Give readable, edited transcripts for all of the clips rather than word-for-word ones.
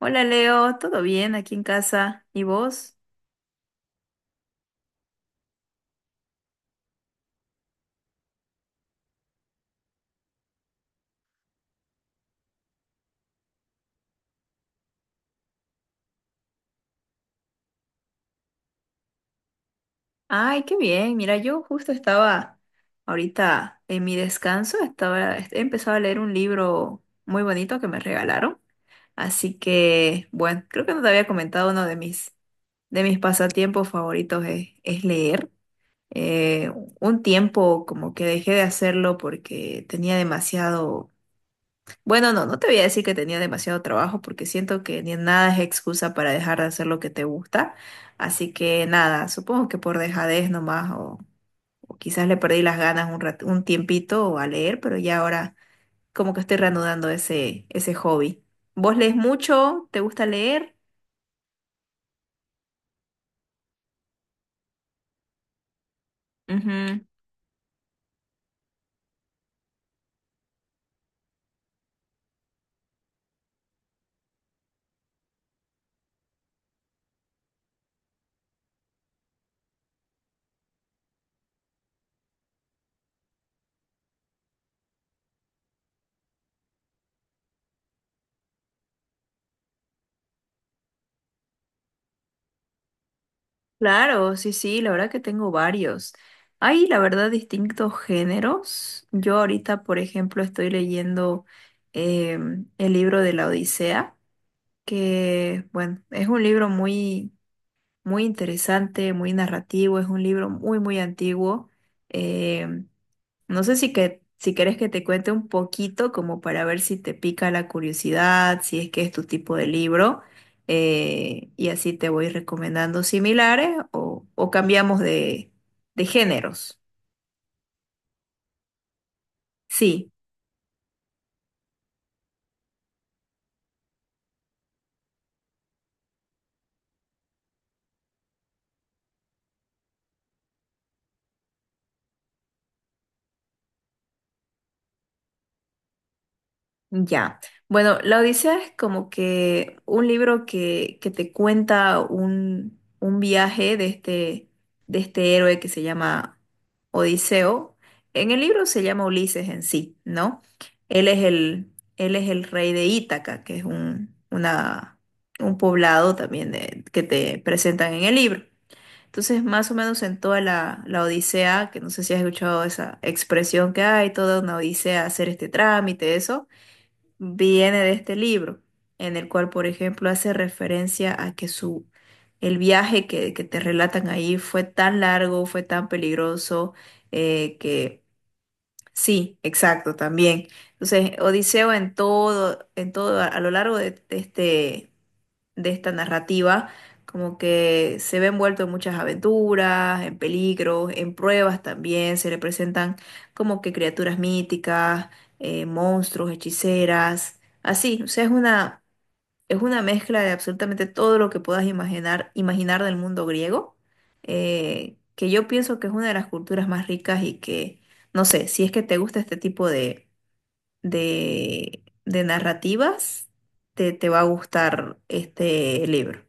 Hola Leo, ¿todo bien aquí en casa? ¿Y vos? Ay, qué bien. Mira, yo justo estaba ahorita en mi descanso, estaba, he empezado a leer un libro muy bonito que me regalaron. Así que, bueno, creo que no te había comentado uno de de mis pasatiempos favoritos es leer. Eh, un tiempo como que dejé de hacerlo porque tenía demasiado. Bueno, no, no te voy a decir que tenía demasiado trabajo porque siento que ni nada es excusa para dejar de hacer lo que te gusta. Así que nada, supongo que por dejadez nomás o quizás le perdí las ganas un tiempito a leer, pero ya ahora como que estoy reanudando ese hobby. ¿Vos lees mucho? ¿Te gusta leer? Ujú. Claro, sí, sí, la verdad que tengo varios. Hay, la verdad, distintos géneros. Yo ahorita, por ejemplo, estoy leyendo el libro de la Odisea, que, bueno, es un libro muy interesante, muy narrativo, es un libro muy antiguo. Em, no sé si querés que te cuente un poquito como para ver si te pica la curiosidad, si es que es tu tipo de libro, y así te voy recomendando similares o cambiamos de géneros. Sí. Ya. Bueno, La Odisea es como que un libro que te cuenta un viaje de este héroe que se llama Odiseo. En el libro se llama Ulises en sí, ¿no? Él es el, él es el rey de Ítaca, que es un poblado también de- que te presentan en el libro. Entonces, más o menos en toda la odisea, que no sé si has escuchado esa expresión que hay, toda una odisea hacer este trámite, eso viene de este libro, en el cual, por ejemplo, hace referencia a que su, el viaje que te relatan ahí fue tan largo, fue tan peligroso, que sí, exacto, también. Entonces, Odiseo en todo, a lo largo de este de esta narrativa, como que se ve envuelto en muchas aventuras, en peligros, en pruebas también, se le presentan como que criaturas míticas, monstruos, hechiceras, así, o sea, es una mezcla de absolutamente todo lo que puedas imaginar, imaginar del mundo griego, que yo pienso que es una de las culturas más ricas y que, no sé, si es que te gusta este tipo de narrativas, te va a gustar este libro.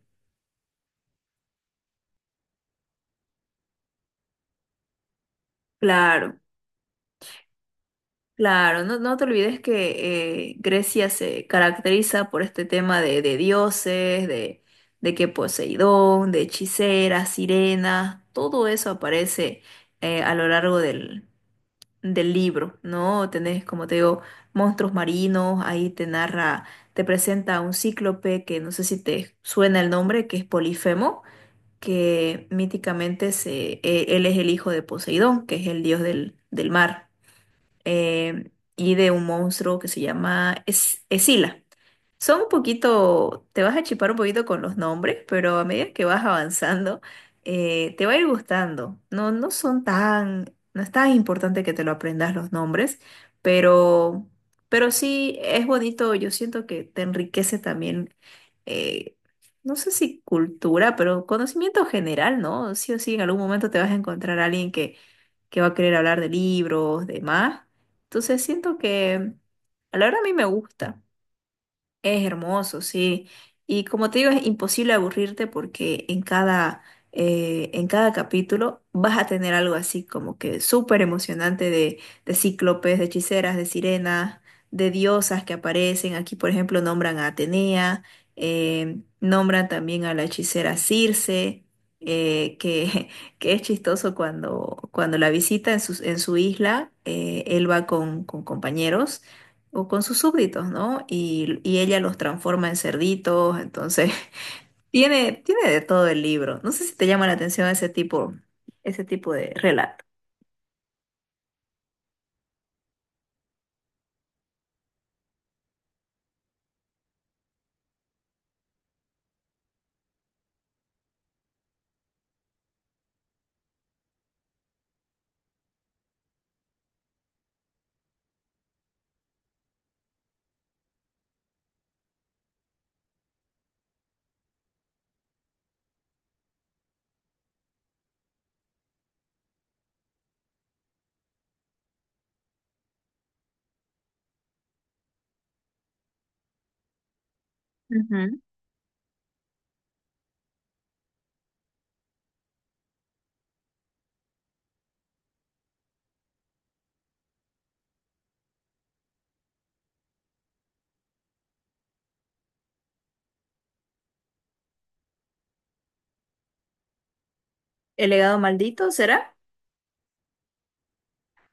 Claro, claro, no, no te olvides que Grecia se caracteriza por este tema de dioses, de que Poseidón, de hechiceras, sirenas, todo eso aparece a lo largo del libro, ¿no? Tenés, como te digo, monstruos marinos, ahí te narra, te presenta a un cíclope que no sé si te suena el nombre, que es Polifemo, que míticamente se, él es el hijo de Poseidón, que es el dios del mar. eh, y de un monstruo que se llama Es- Escila. Son un poquito, te vas a chipar un poquito con los nombres, pero a medida que vas avanzando, te va a ir gustando. No es tan importante que te lo aprendas los nombres, pero, pero sí es bonito. Yo siento que te enriquece también, eh, no sé si cultura, pero conocimiento general, ¿no? Sí o sí, en algún momento te vas a encontrar a alguien que va a querer hablar de libros, de más. Entonces siento que a la hora a mí me gusta. Es hermoso, sí. Y como te digo, es imposible aburrirte porque en cada capítulo vas a tener algo así como que súper emocionante de cíclopes, de hechiceras, de sirenas, de diosas que aparecen. Aquí, por ejemplo, nombran a Atenea, nombran también a la hechicera Circe, que, que es chistoso cuando la visita en su isla, él va con compañeros o con sus súbditos, ¿no? Y ella los transforma en cerditos, entonces tiene, tiene de todo el libro. No sé si te llama la atención ese tipo de relato. Ujú. ¿El legado maldito será?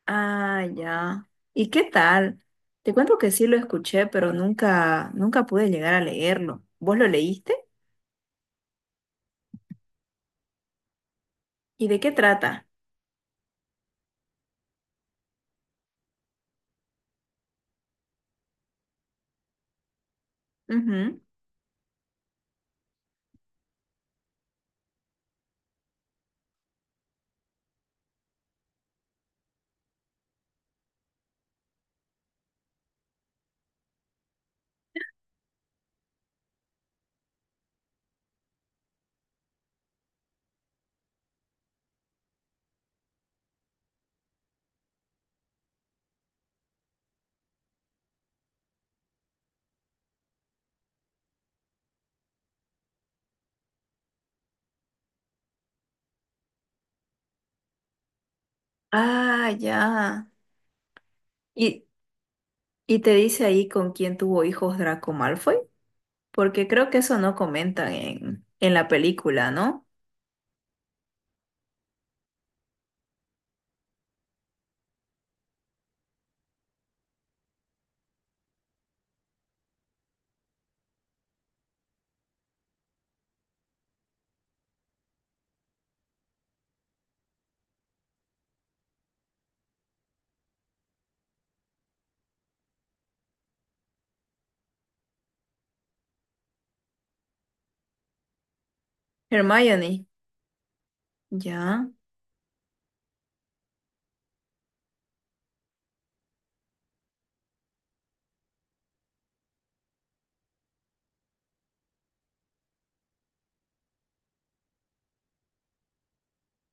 Ah, ya. ¿Y qué tal? Te cuento que sí lo escuché, pero nunca, nunca pude llegar a leerlo. ¿Vos lo leíste? ¿Y de qué trata? Ujú. Ah, ya. ¿Y, ¿Y te dice ahí con quién tuvo hijos Draco Malfoy? Porque creo que eso no comentan en la película, ¿no? Hermione, ya,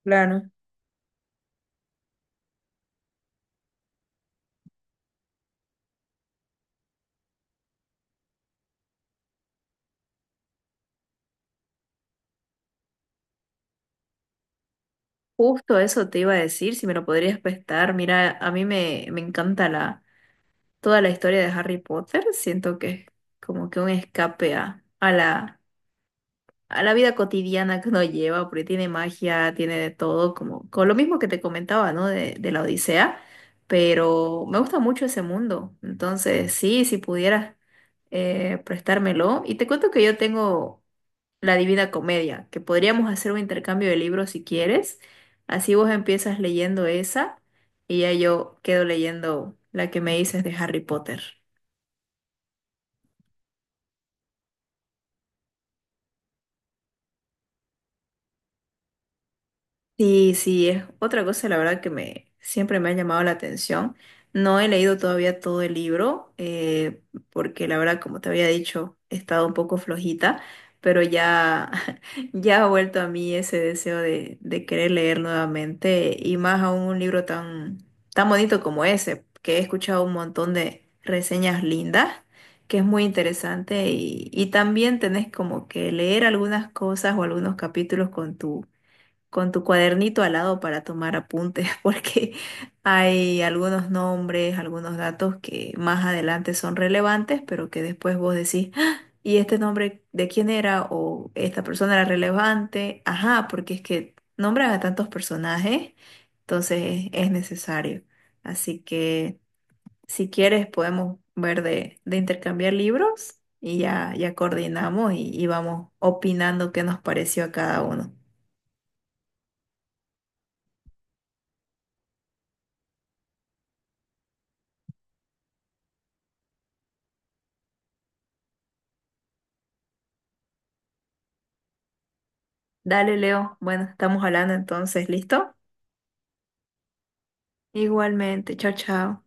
claro. Justo eso te iba a decir, si me lo podrías prestar. Mira, a mí me encanta toda la historia de Harry Potter. Siento que es como que un escape a la vida cotidiana que uno lleva, porque tiene magia, tiene de todo, como con lo mismo que te comentaba, ¿no? De la Odisea, pero me gusta mucho ese mundo, entonces sí, si pudieras prestármelo. Y te cuento que yo tengo La Divina Comedia, que podríamos hacer un intercambio de libros si quieres, así vos empiezas leyendo esa y ya yo quedo leyendo la que me dices de Harry Potter. Sí, sí, es otra cosa, la verdad, que me siempre me ha llamado la atención. No he leído todavía todo el libro, porque la verdad, como te había dicho, he estado un poco flojita, pero ya, ya ha vuelto a mí ese deseo de querer leer nuevamente, y más aún un libro tan, tan bonito como ese, que he escuchado un montón de reseñas lindas, que es muy interesante, y también tenés como que leer algunas cosas o algunos capítulos con tu cuadernito al lado para tomar apuntes, porque hay algunos nombres, algunos datos que más adelante son relevantes, pero que después vos decís, "Ah, ¿y este nombre de quién era? ¿O esta persona era relevante?" Ajá, porque es que nombran a tantos personajes, entonces es necesario. Así que si quieres podemos ver de intercambiar libros y ya, ya coordinamos y vamos opinando qué nos pareció a cada uno. Dale, Leo. Bueno, estamos hablando entonces, ¿listo? Igualmente, chao, chao.